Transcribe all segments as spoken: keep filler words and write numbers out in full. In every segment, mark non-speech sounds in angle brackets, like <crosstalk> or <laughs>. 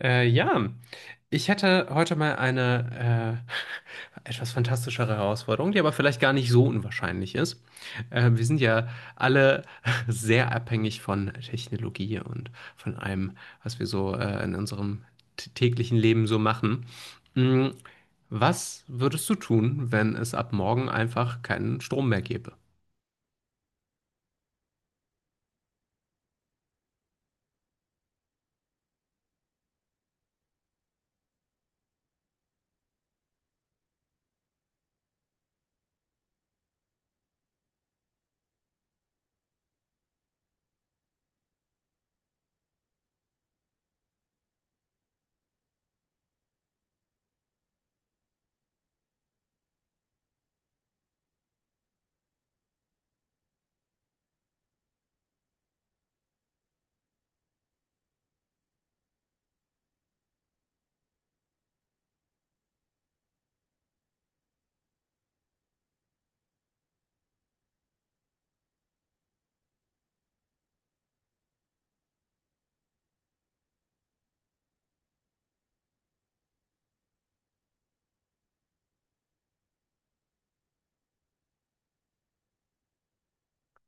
Äh, ja, Ich hätte heute mal eine äh, <laughs> etwas fantastischere Herausforderung, die aber vielleicht gar nicht so unwahrscheinlich ist. Äh, wir sind ja alle <laughs> sehr abhängig von Technologie und von allem, was wir so äh, in unserem t- täglichen Leben so machen. Mm, Was würdest du tun, wenn es ab morgen einfach keinen Strom mehr gäbe?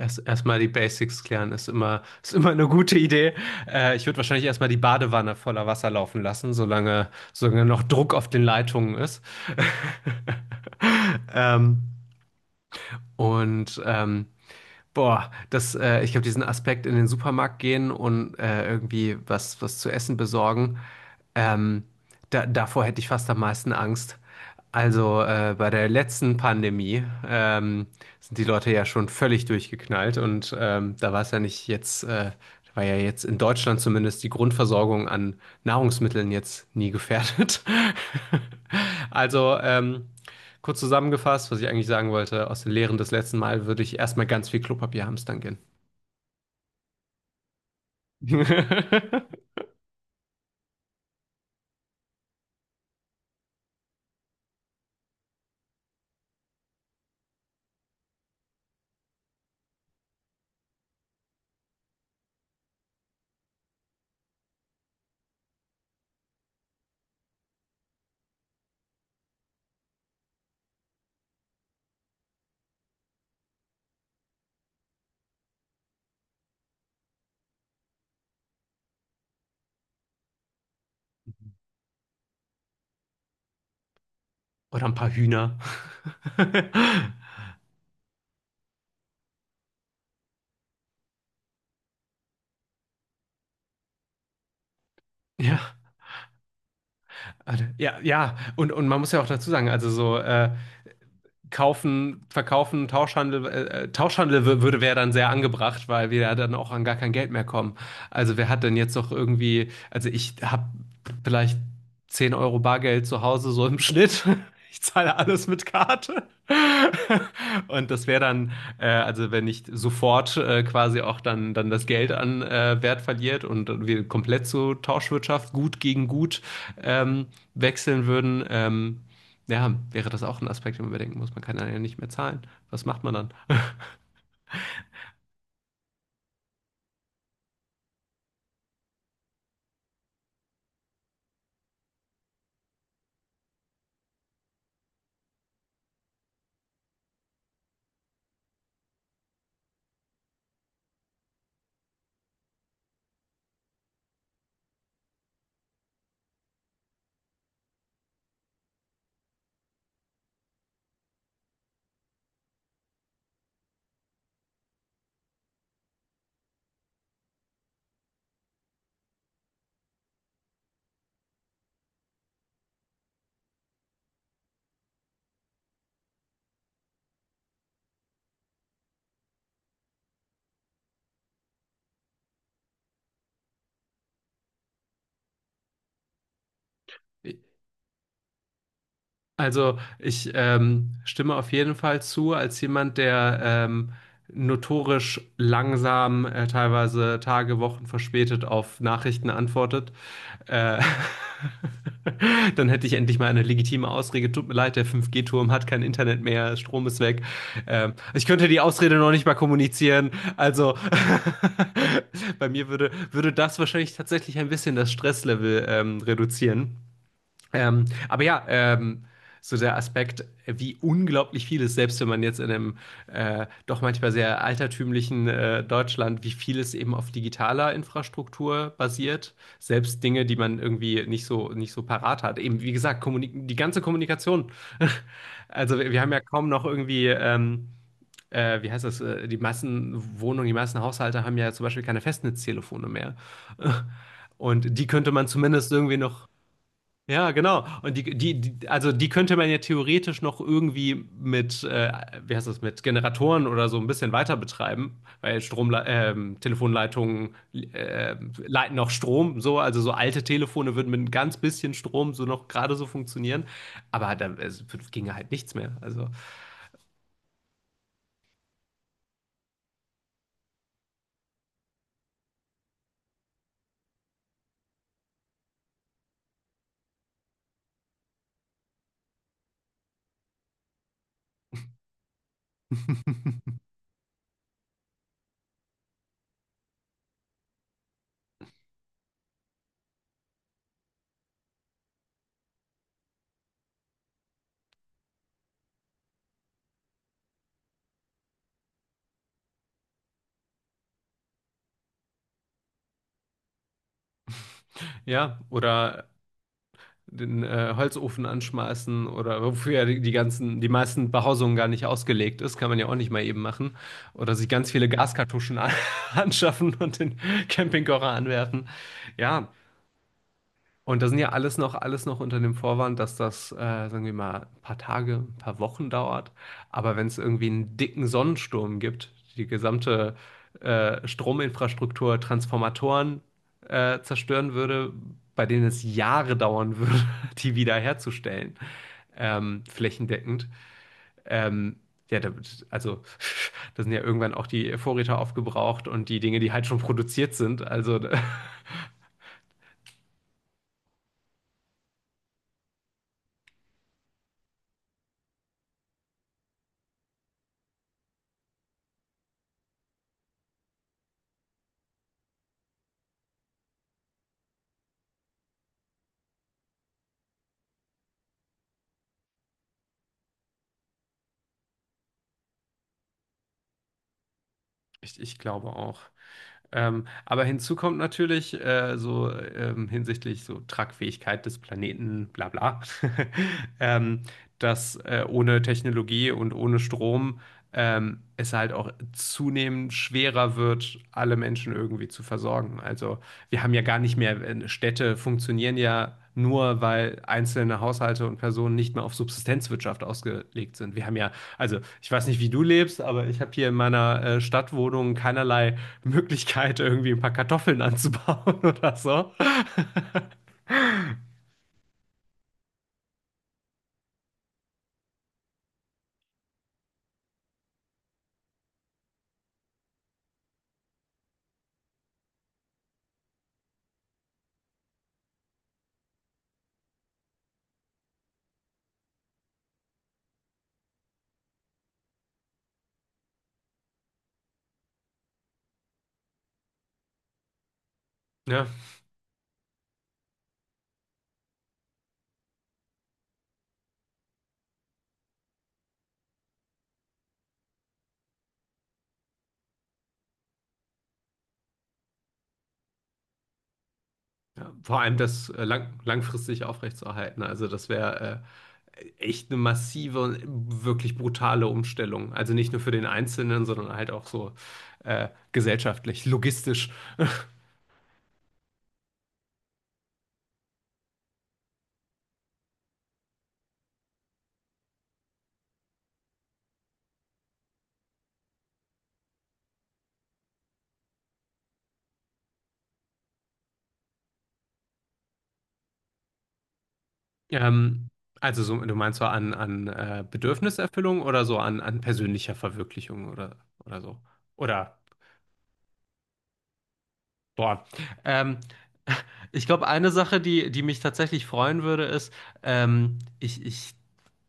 Erst, erstmal die Basics klären ist immer, ist immer eine gute Idee. Äh, ich würde wahrscheinlich erstmal die Badewanne voller Wasser laufen lassen, solange, solange noch Druck auf den Leitungen ist. <laughs> Ähm, und ähm, Boah, das, äh, ich glaube, diesen Aspekt in den Supermarkt gehen und äh, irgendwie was, was zu essen besorgen, ähm, da, davor hätte ich fast am meisten Angst. Also äh, bei der letzten Pandemie ähm, sind die Leute ja schon völlig durchgeknallt, und ähm, da war es ja nicht jetzt, äh, da war ja jetzt in Deutschland zumindest die Grundversorgung an Nahrungsmitteln jetzt nie gefährdet. <laughs> Also ähm, Kurz zusammengefasst, was ich eigentlich sagen wollte, aus den Lehren des letzten Mal würde ich erstmal ganz viel Klopapier hamstern gehen. <laughs> Oder ein paar Hühner. <laughs> ja, also, ja, ja. Und, und man muss ja auch dazu sagen, also so, äh, kaufen, verkaufen, Tauschhandel, äh, äh, Tauschhandel wür- würde wäre dann sehr angebracht, weil wir ja dann auch an gar kein Geld mehr kommen. Also wer hat denn jetzt noch irgendwie, also ich habe vielleicht zehn Euro Bargeld zu Hause so im Schnitt. <laughs> Ich zahle alles mit Karte. <laughs> Und das wäre dann, äh, also wenn nicht sofort äh, quasi auch dann, dann das Geld an äh, Wert verliert und wir komplett zur Tauschwirtschaft gut gegen gut ähm, wechseln würden, ähm, ja, wäre das auch ein Aspekt, den man bedenken muss. Man kann dann ja nicht mehr zahlen. Was macht man dann? <laughs> Also ich ähm, stimme auf jeden Fall zu, als jemand, der ähm, notorisch langsam, äh, teilweise Tage, Wochen verspätet auf Nachrichten antwortet. Äh, <laughs> dann hätte ich endlich mal eine legitime Ausrede. Tut mir leid, der fünf G-Turm hat kein Internet mehr, Strom ist weg. Ähm, ich könnte die Ausrede noch nicht mal kommunizieren. Also <laughs> bei mir würde, würde das wahrscheinlich tatsächlich ein bisschen das Stresslevel ähm, reduzieren. Ähm, aber ja, ähm, so der Aspekt, wie unglaublich viel es, selbst wenn man jetzt in einem äh, doch manchmal sehr altertümlichen äh, Deutschland, wie viel es eben auf digitaler Infrastruktur basiert, selbst Dinge, die man irgendwie nicht so nicht so parat hat. Eben, wie gesagt, kommunik die ganze Kommunikation. <laughs> Also wir, wir haben ja kaum noch irgendwie ähm, äh, wie heißt das, äh, die Massenwohnungen, die Massenhaushalte haben ja zum Beispiel keine Festnetztelefone mehr. <laughs> Und die könnte man zumindest irgendwie noch ja, genau. Und die, die, die, also die könnte man ja theoretisch noch irgendwie mit, äh, wie heißt das, mit Generatoren oder so ein bisschen weiter betreiben, weil Strom, äh, ähm, Telefonleitungen äh, leiten noch Strom, so, also so alte Telefone würden mit ein ganz bisschen Strom so noch gerade so funktionieren, aber da es ginge halt nichts mehr. Also <laughs> ja, oder den äh, Holzofen anschmeißen oder wofür ja die, die ganzen, die meisten Behausungen gar nicht ausgelegt ist, kann man ja auch nicht mal eben machen. Oder sich ganz viele Gaskartuschen an, <laughs> anschaffen und den Campingkocher anwerfen. Ja, und das sind ja alles noch, alles noch unter dem Vorwand, dass das, äh, sagen wir mal, ein paar Tage, ein paar Wochen dauert. Aber wenn es irgendwie einen dicken Sonnensturm gibt, die gesamte äh, Strominfrastruktur, Transformatoren äh, zerstören würde, bei denen es Jahre dauern würde, <laughs> die wiederherzustellen, ähm, flächendeckend. Ähm, ja, da, also <laughs> da sind ja irgendwann auch die Vorräte aufgebraucht und die Dinge, die halt schon produziert sind. Also <laughs> ich, ich glaube auch. Ähm, aber hinzu kommt natürlich äh, so ähm, hinsichtlich so Tragfähigkeit des Planeten, bla bla, <laughs> ähm, dass äh, ohne Technologie und ohne Strom ähm, es halt auch zunehmend schwerer wird, alle Menschen irgendwie zu versorgen. Also wir haben ja gar nicht mehr, äh, Städte funktionieren ja nur, weil einzelne Haushalte und Personen nicht mehr auf Subsistenzwirtschaft ausgelegt sind. Wir haben ja also, ich weiß nicht, wie du lebst, aber ich habe hier in meiner äh, Stadtwohnung keinerlei <laughs> Möglichkeit, irgendwie ein paar Kartoffeln anzubauen <laughs> oder so. <laughs> Ja, ja, vor allem das äh, lang langfristig aufrechtzuerhalten. Also, das wäre äh, echt eine massive und wirklich brutale Umstellung. Also nicht nur für den Einzelnen, sondern halt auch so äh, gesellschaftlich, logistisch. <laughs> Ähm, also so, du meinst so an, an äh, Bedürfniserfüllung oder so an, an persönlicher Verwirklichung oder, oder so. Oder, boah. Ähm, <laughs> Ich glaube, eine Sache, die, die mich tatsächlich freuen würde, ist, ähm, ich, ich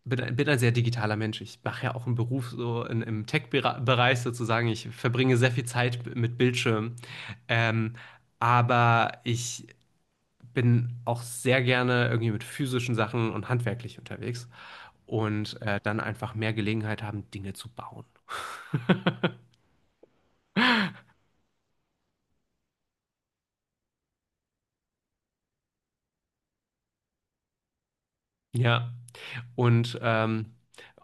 bin, ein- bin ein sehr digitaler Mensch. Ich mache ja auch einen Beruf so in, im Tech-Bereich sozusagen. Ich verbringe sehr viel Zeit mit Bildschirmen. Ähm, aber ich bin auch sehr gerne irgendwie mit physischen Sachen und handwerklich unterwegs und äh, dann einfach mehr Gelegenheit haben, Dinge zu bauen. Ja, und ähm,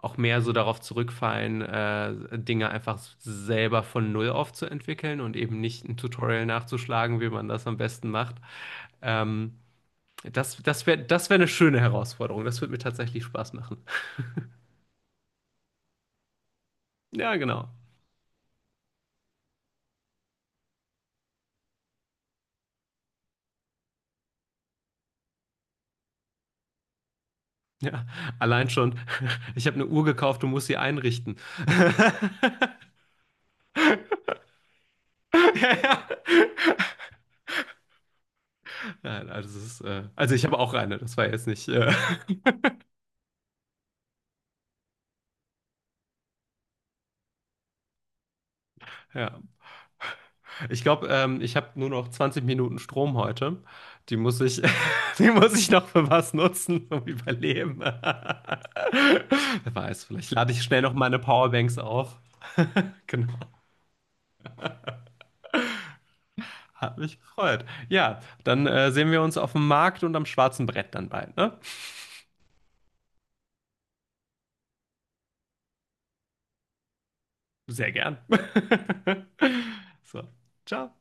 auch mehr so darauf zurückfallen, äh, Dinge einfach selber von Null auf zu entwickeln und eben nicht ein Tutorial nachzuschlagen, wie man das am besten macht. Ähm, das das wäre das wär eine schöne Herausforderung. Das würde mir tatsächlich Spaß machen. Ja, genau. Ja, allein schon, <laughs> ich habe eine Uhr gekauft und muss sie einrichten. <laughs> <laughs> Ja, ja. Nein, also, es ist, äh, also ich habe auch eine, das war jetzt nicht. Äh, <laughs> ja. Ich glaube, ähm, ich habe nur noch zwanzig Minuten Strom heute. Die muss ich, <laughs> die muss ich noch für was nutzen, um überleben. <laughs> Wer weiß, vielleicht lade ich schnell noch meine Powerbanks auf. <laughs> Genau. Hat mich gefreut. Ja, dann äh, sehen wir uns auf dem Markt und am schwarzen Brett dann bald, ne? Sehr gern. <laughs> So, ciao.